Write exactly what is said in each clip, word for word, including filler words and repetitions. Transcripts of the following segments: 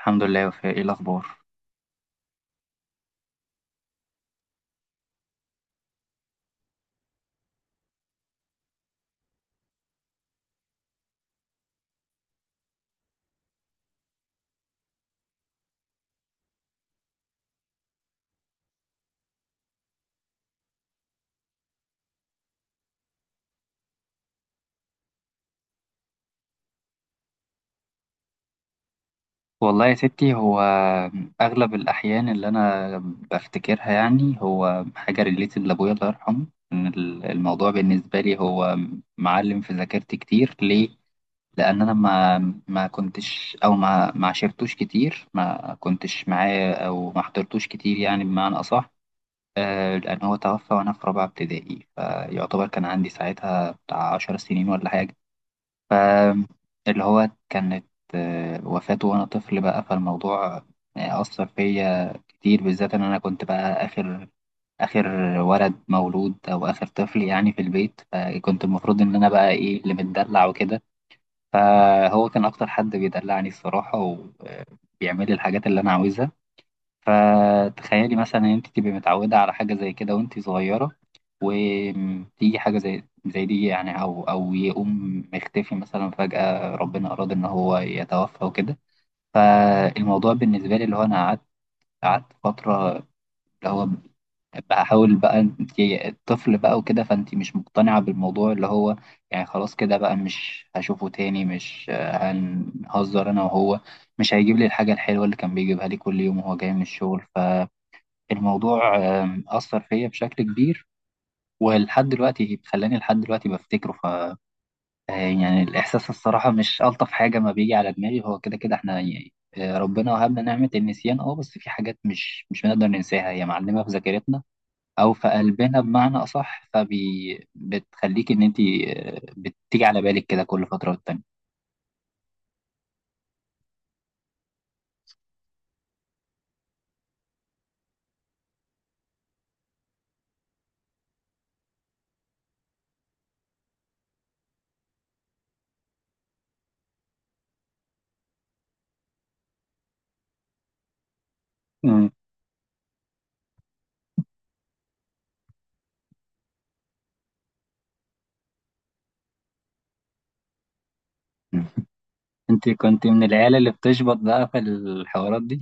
الحمد لله يا وفاء، ايه الاخبار؟ والله يا ستي، هو اغلب الاحيان اللي انا بفتكرها يعني هو حاجه ريليتد لابويا الله يرحمه. إن ال- الموضوع بالنسبه لي هو معلم في ذاكرتي كتير ليه. لان انا ما ما كنتش، او ما ما عشرتوش كتير، ما كنتش معاه او ما حضرتوش كتير يعني بمعنى اصح. آه، لان هو توفى وانا في رابعه ابتدائي، فيعتبر كان عندي ساعتها بتاع عشر سنين ولا حاجه. ف اللي هو كانت، آه، وفاته وأنا طفل بقى. فالموضوع آه، أثر فيا كتير، بالذات إن أنا كنت بقى آخر آخر ولد مولود أو آخر طفل يعني في البيت. فكنت المفروض إن أنا بقى إيه، اللي متدلع وكده. فهو كان أكتر حد بيدلعني الصراحة، وبيعمل لي الحاجات اللي أنا عاوزها. فتخيلي مثلا ان انت تبقي متعوده على حاجه زي كده وانت صغيره، وتيجي حاجه زي زي دي يعني، او او يقوم مختفي مثلا فجاه، ربنا اراد ان هو يتوفى وكده. فالموضوع بالنسبه لي اللي هو انا قعدت قعدت فتره، اللي هو بحاول بقى انت الطفل بقى وكده، فانت مش مقتنعه بالموضوع. اللي هو يعني خلاص كده بقى، مش هشوفه تاني، مش آه، هنهزر انا وهو، مش هيجيب لي الحاجه الحلوه اللي كان بيجيبها لي كل يوم وهو جاي من الشغل. ف الموضوع آم، أثر فيا بشكل كبير، ولحد دلوقتي خلاني لحد دلوقتي بفتكره. ف آه، يعني الإحساس الصراحة مش ألطف حاجة ما بيجي على دماغي. هو كده كده إحنا يعني آه، ربنا وهبنا نعمة النسيان. أه بس في حاجات مش مش بنقدر ننساها، هي معلمة في ذاكرتنا أو في قلبنا بمعنى أصح، فبي بتخليك إن أنت آه، بتيجي على بالك كده كل فترة والتانية. مم. أنت كنت من العيال اللي بتشبط بقى في الحوارات دي؟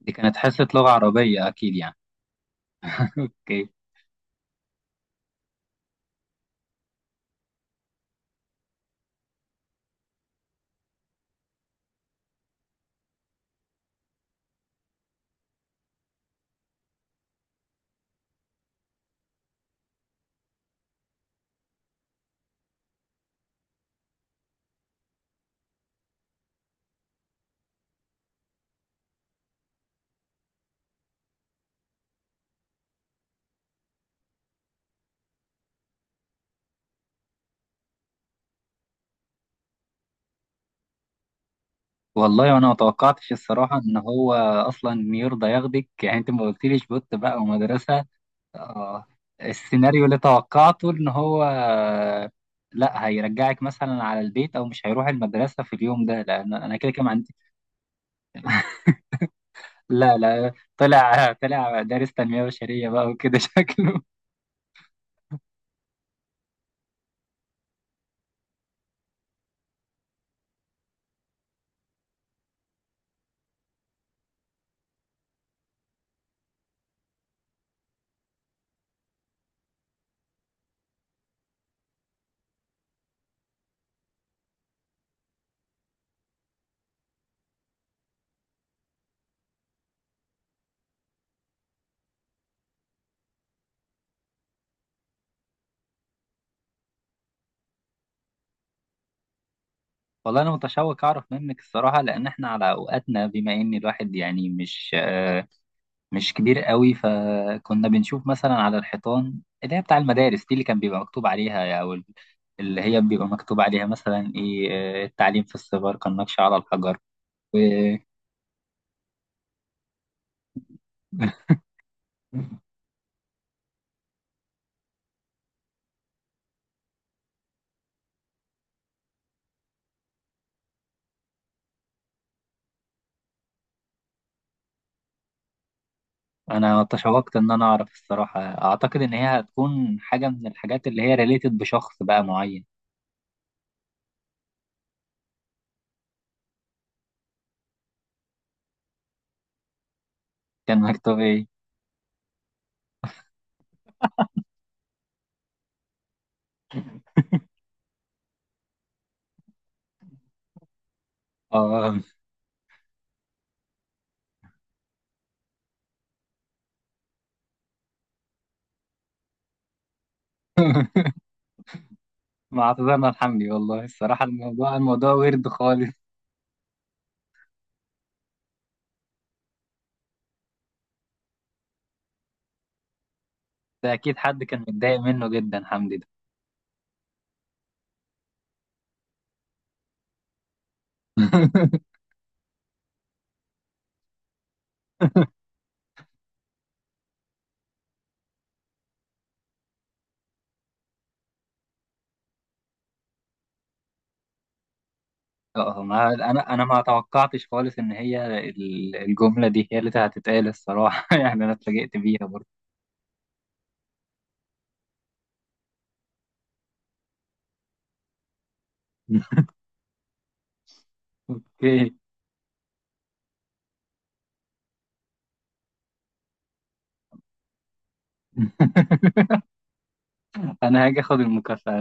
دي كانت حصة لغة عربية أكيد يعني. أوكي. والله انا ما توقعتش الصراحه ان هو اصلا يرضى ياخدك، يعني انت ما قلتليش بوت بقى ومدرسه. آه. السيناريو اللي توقعته ان هو آه، لا، هيرجعك مثلا على البيت او مش هيروح المدرسه في اليوم ده، لان انا كده كده ما عندي. لا، لا، طلع طلع دارس تنميه بشريه بقى وكده. شكله. والله انا متشوق اعرف منك الصراحه، لان احنا على اوقاتنا، بما ان الواحد يعني مش مش كبير قوي، فكنا بنشوف مثلا على الحيطان اللي هي بتاع المدارس دي اللي كان بيبقى مكتوب عليها، او اللي هي بيبقى مكتوب عليها مثلا ايه. آه، التعليم في الصغر كالنقش على الحجر. و- انا تشوقت ان انا اعرف الصراحه، اعتقد ان هي هتكون حاجه من الحاجات اللي هي ريليتد بشخص بقى معين. كان مكتوب ايه؟ اه. مع اعتذارنا الحمدي. والله الصراحه، الموضوع الموضوع ورد خالص. ده اكيد حد كان متضايق منه جدا، حمدي ده. اه، ما انا انا ما توقعتش خالص ان هي ال- الجمله دي هي اللي هتتقال الصراحه. يعني انا اتفاجئت بيها برضه. اوكي. انا هاجي اخد المكافاه.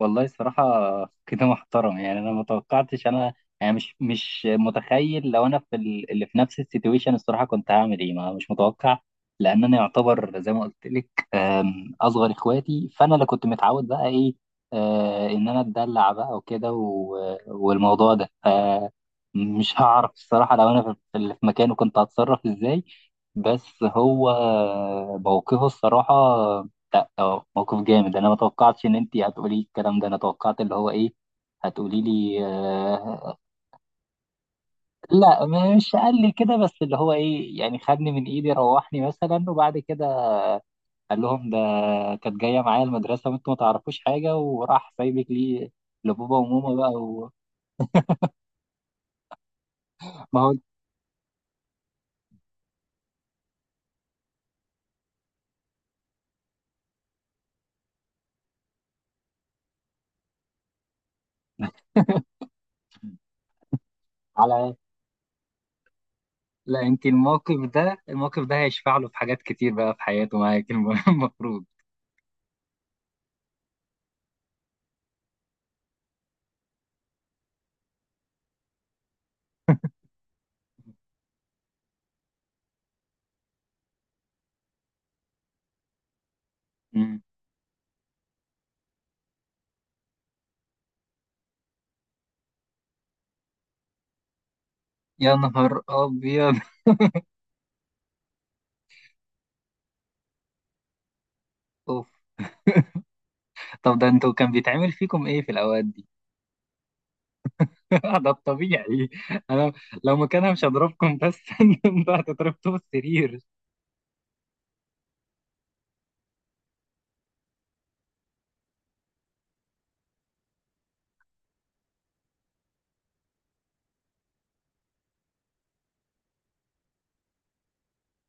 والله الصراحة كده محترم، يعني أنا ما توقعتش أنا، يعني مش مش متخيل لو أنا في ال- اللي في نفس السيتويشن الصراحة كنت هعمل إيه. ما مش متوقع، لأن أنا يعتبر زي ما قلت لك، أم، أصغر إخواتي، فأنا اللي كنت متعود بقى إيه، آه، إن أنا أتدلع بقى وكده. و- والموضوع ده آه، مش هعرف الصراحة لو أنا في في اللي في مكانه كنت هتصرف إزاي. بس هو موقفه الصراحة. لا، اه، موقف جامد. انا ما توقعتش ان انت هتقولي الكلام ده. انا توقعت اللي هو ايه، هتقولي لي آه. لا، مش قال لي كده، بس اللي هو ايه يعني خدني من ايدي، روحني مثلا، وبعد كده قال لهم ده كانت جايه معايا المدرسه وانتوا ما تعرفوش حاجه، وراح سايبك لي لبابا وماما بقى. و- ما هو على، لا، انت الموقف ده، الموقف ده هيشفع له في حاجات كتير بقى في حياته معاك الم- المفروض. مم. يا نهار ابيض. طب ده انتوا كان بيتعمل فيكم ايه في الاوقات دي؟ ده الطبيعي. انا لو مكانها مش هضربكم، بس انتوا هتضربتوا في السرير.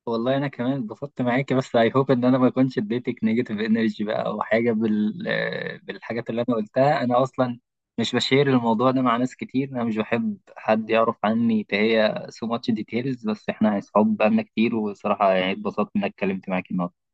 والله انا كمان اتبسطت معاكي، بس اي هوب ان انا ما اكونش اديتك نيجاتيف انرجي بقى او حاجه بال... آه، بالحاجات اللي انا قلتها. انا اصلا مش بشير الموضوع ده مع ناس كتير، انا مش بحب حد يعرف عني تهيا سو ماتش ديتيلز، بس احنا اصحاب بقالنا كتير، وصراحه يعني اتبسطت انك اتكلمت معاكي النهارده.